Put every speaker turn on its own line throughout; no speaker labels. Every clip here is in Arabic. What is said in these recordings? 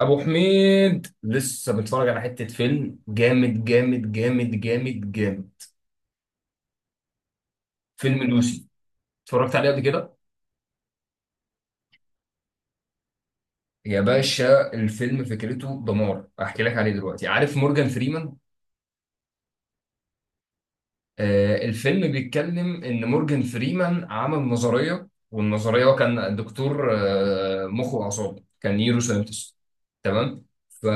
ابو حميد لسه متفرج على حته فيلم جامد جامد جامد جامد جامد. فيلم لوسي، اتفرجت عليه قبل كده. يا باشا الفيلم فكرته دمار، احكي لك عليه دلوقتي. عارف مورجان فريمان؟ الفيلم بيتكلم ان مورجان فريمان عمل نظريه، والنظريه هو كان دكتور مخ واعصاب، كان نيورو ساينتست. تمام.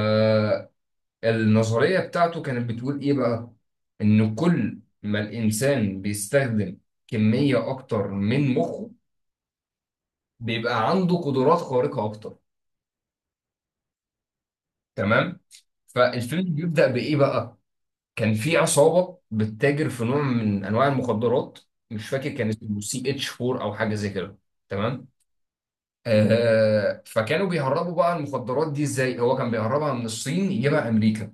النظرية بتاعته كانت بتقول إيه بقى؟ إن كل ما الإنسان بيستخدم كمية أكتر من مخه، بيبقى عنده قدرات خارقة أكتر. تمام؟ فالفيلم بيبدأ بإيه بقى؟ كان في عصابة بتتاجر في نوع من أنواع المخدرات، مش فاكر كان اسمه سي اتش 4 أو حاجة زي كده. تمام؟ فكانوا بيهربوا بقى المخدرات دي إزاي؟ هو كان بيهربها من الصين يجيبها أمريكا.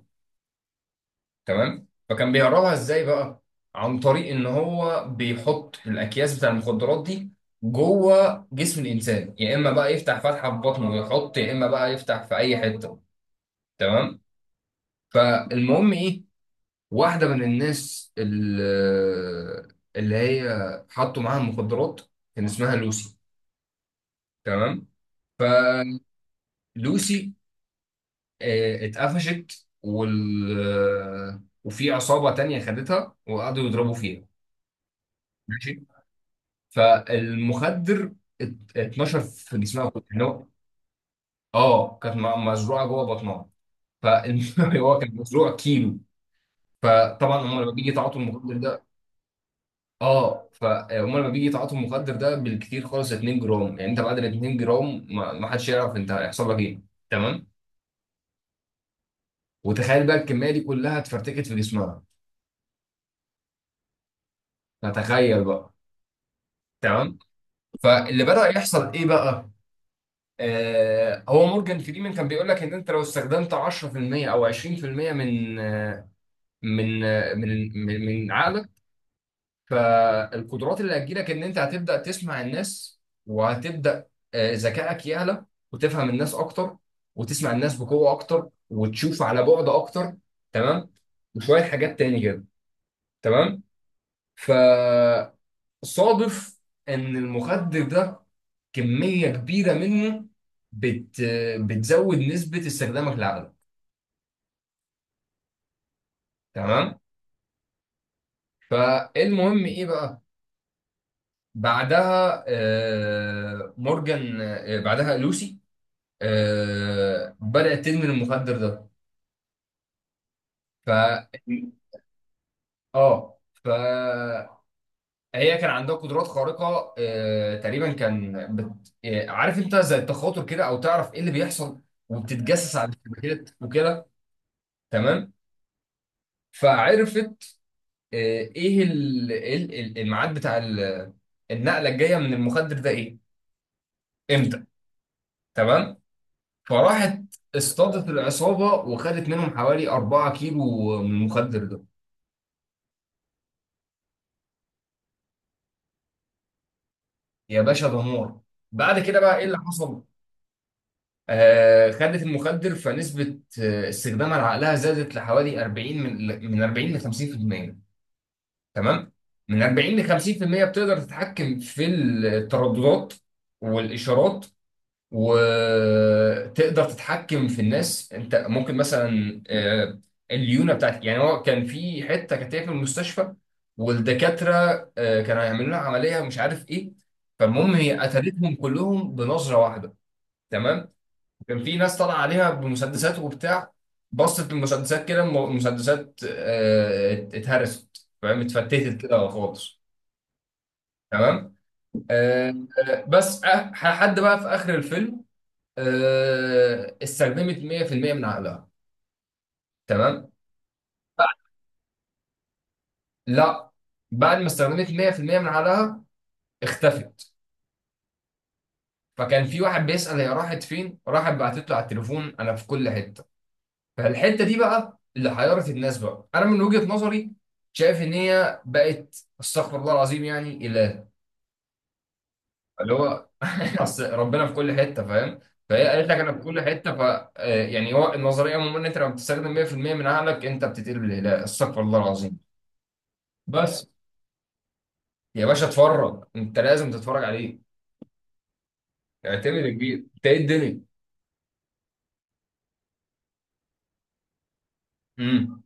تمام. فكان بيهربها ازاي بقى؟ عن طريق ان هو بيحط الاكياس بتاع المخدرات دي جوه جسم الانسان، يا اما بقى يفتح فتحه في بطنه ويحط، يا اما بقى يفتح في اي حته. تمام. فالمهم ايه، واحده من الناس اللي هي حطوا معاها المخدرات كان اسمها لوسي. تمام. فلوسي اتقفشت، وال وفي عصابه تانية خدتها وقعدوا يضربوا فيها. ماشي. فالمخدر اتنشر في جسمها كله، يعني هو. اه، كانت مزروعه جوه بطنها، فهو كان مزروع كيلو. فطبعا هم لما بيجي يتعاطوا المخدر ده، اه فهم لما بيجي يتعاطوا المخدر ده بالكتير خالص 2 جرام، يعني انت بعد ال 2 جرام ما حدش يعرف انت هيحصل لك ايه. تمام. وتخيل بقى الكميه دي كلها اتفرتكت في جسمها. فتخيل بقى. تمام. فاللي بدأ يحصل ايه بقى؟ هو مورجان فريمان كان بيقول لك ان انت لو استخدمت 10% او 20% من آه، من آه، من من من عقلك، فالقدرات اللي هتجيلك ان انت هتبدا تسمع الناس، وهتبدا آه، ذكائك يعلى، وتفهم الناس اكتر، وتسمع الناس بقوه اكتر، وتشوف على بعد اكتر. تمام. وشويه حاجات تاني كده. تمام. فصادف ان المخدر ده كميه كبيره منه بت بتزود نسبه استخدامك للعقل. تمام. فالمهم ايه بقى، بعدها لوسي بدات تدمن المخدر ده. ف اه فهي كان عندها قدرات خارقه، تقريبا كان بت... آه، عارف انت زي التخاطر كده، او تعرف ايه اللي بيحصل وبتتجسس على الشبكات وكده. تمام. فعرفت آه، ايه الميعاد بتاع النقله الجايه من المخدر ده ايه، امتى. تمام. فراحت اصطادت العصابه وخدت منهم حوالي 4 كيلو من المخدر ده. يا باشا دمار. بعد كده بقى ايه اللي حصل؟ خدت المخدر، فنسبه استخدامها لعقلها زادت لحوالي 40، من 40 ل 50%. تمام. من 40 ل 50% بتقدر تتحكم في الترددات والاشارات، وتقدر تتحكم في الناس. انت ممكن مثلا، الليونه بتاعت يعني هو كان في حته كانت هي في المستشفى، والدكاتره كانوا هيعملوا لها عمليه مش عارف ايه، فالمهم هي قتلتهم كلهم بنظره واحده. تمام. كان في ناس طالعه عليها بمسدسات وبتاع، بصت المسدسات كده المسدسات اتهرست، فاهم، اتفتتت كده خالص. تمام. آه، بس حد بقى في اخر الفيلم استخدمت 100% من عقلها. تمام. لا، بعد ما استخدمت 100% من عقلها اختفت. فكان في واحد بيسأل هي راحت فين، راحت بعتت له على التليفون انا في كل حتة. فالحتة دي بقى اللي حيرت الناس بقى. انا من وجهة نظري شايف ان هي بقت استغفر الله العظيم يعني اله، اللي هو اصل ربنا في كل حتة، فاهم. فهي قالت لك انا في كل حتة. يعني هو النظرية عموما ان انت لما بتستخدم 100% من عقلك انت بتتقلب الاله استغفر الله العظيم. بس يا باشا اتفرج، انت لازم تتفرج عليه. اعتمد يا كبير، انت ايه الدنيا. امم.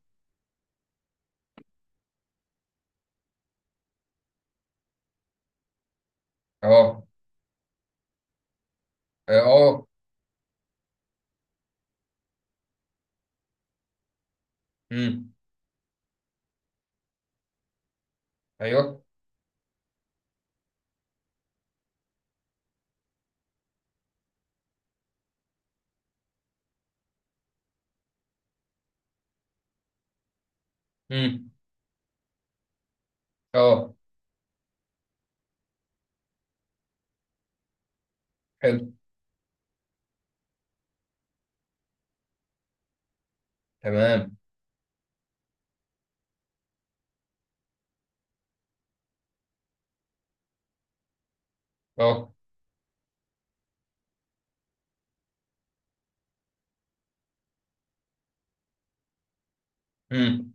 اه، اه، آه. امم. ايوه. امم. اه. حلو. تمام. اه. امم.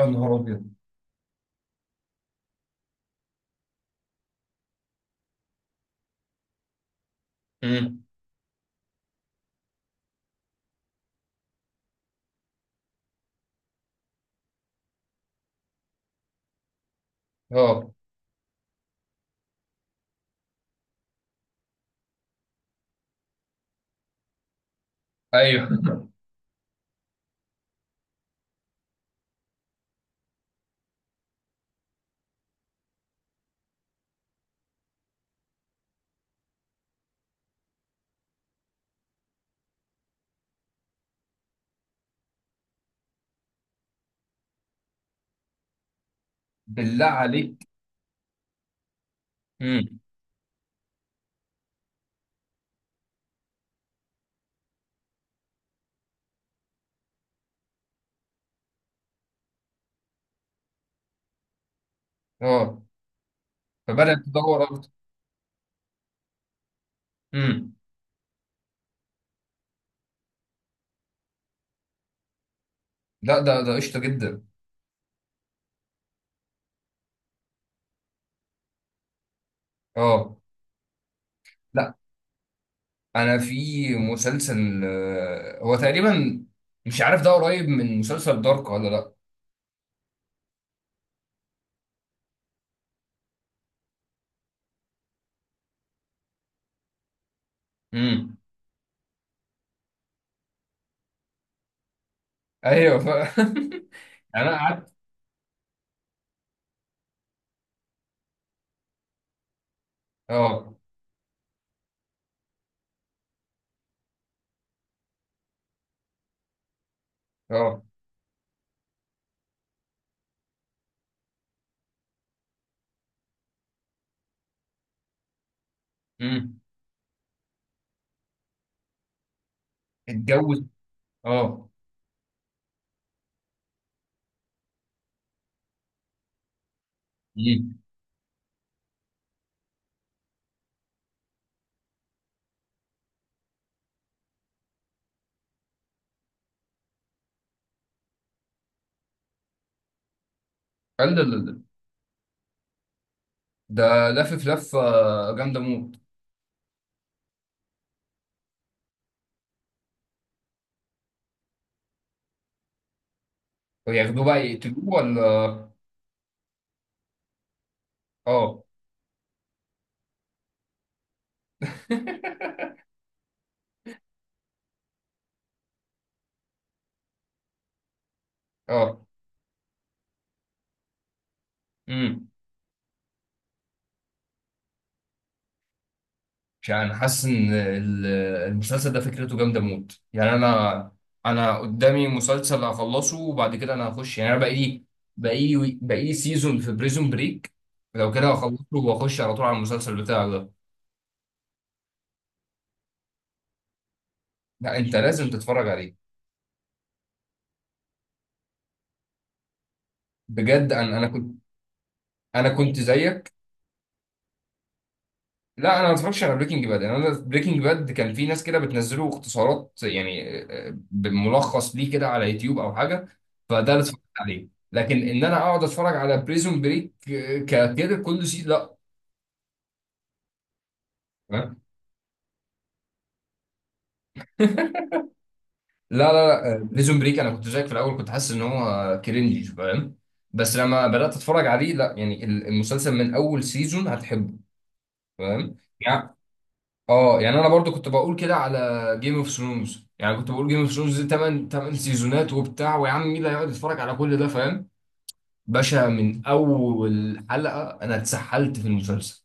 يا نهار ابيض. امم. اه. ايوه. بالله عليك. امم. اه. فبدأت تدور اكتر. امم. لا، ده قشطه جدا. اه. لا، انا في مسلسل هو تقريبا، مش عارف ده قريب من مسلسل دارك ولا لا. امم. ايوه. انا قعدت. اه، اه. امم. اتجوز. اه. امم. قال لا لا لا. ده لافف لفه جامده موت. وياخدوه بقى يقتلوه ولا؟ اه. اه. امم. مش عارف، انا حاسس ان المسلسل ده فكرته جامده موت، يعني انا. انا قدامي مسلسل هخلصه، وبعد كده انا هخش، يعني انا بقى لي سيزون في بريزون بريك، لو كده هخلصه واخش على طول على المسلسل بتاعه ده. لا انت لازم تتفرج عليه، بجد. انا كنت زيك. لا انا ما اتفرجتش على بريكنج باد. انا بريكنج باد كان في ناس كده بتنزله اختصارات يعني، بملخص ليه كده على يوتيوب او حاجه، فده اللي اتفرجت عليه. لكن ان انا اقعد اتفرج على بريزون بريك كده كل سي لا. فاهم؟ لا لا لا، بريزون بريك انا كنت زيك في الاول، كنت حاسس ان هو كرنجي، فاهم. بس لما بدات اتفرج عليه، لا يعني المسلسل من اول سيزون هتحبه، فاهم. اه، يعني انا برضو كنت بقول كده على جيم اوف ثرونز، يعني كنت بقول جيم اوف ثرونز دي 8 8 سيزونات وبتاع، ويا عم مين اللي هيقعد يتفرج على كل ده، فاهم. باشا من اول حلقة انا اتسحلت في المسلسل.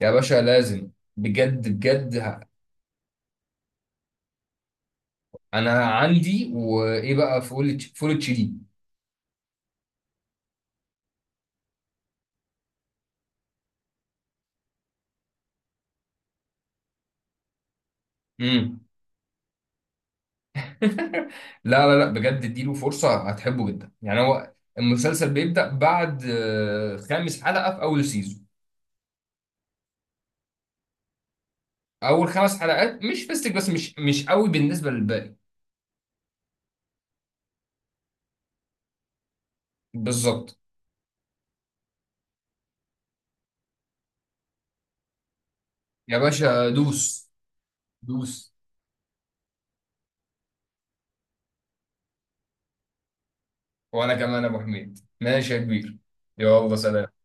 يا باشا لازم، بجد بجد انا عندي، وايه بقى، فول اتش دي. امم. لا لا لا، بجد اديله فرصة، هتحبه جدا. يعني هو المسلسل بيبدأ بعد خامس حلقة في اول سيزون. اول خمس حلقات مش فيستك، بس مش قوي بالنسبة للباقي. بالظبط. يا باشا دوس، دوس. وانا كمان يا ابو حميد، ماشي يا كبير. يلا سلام.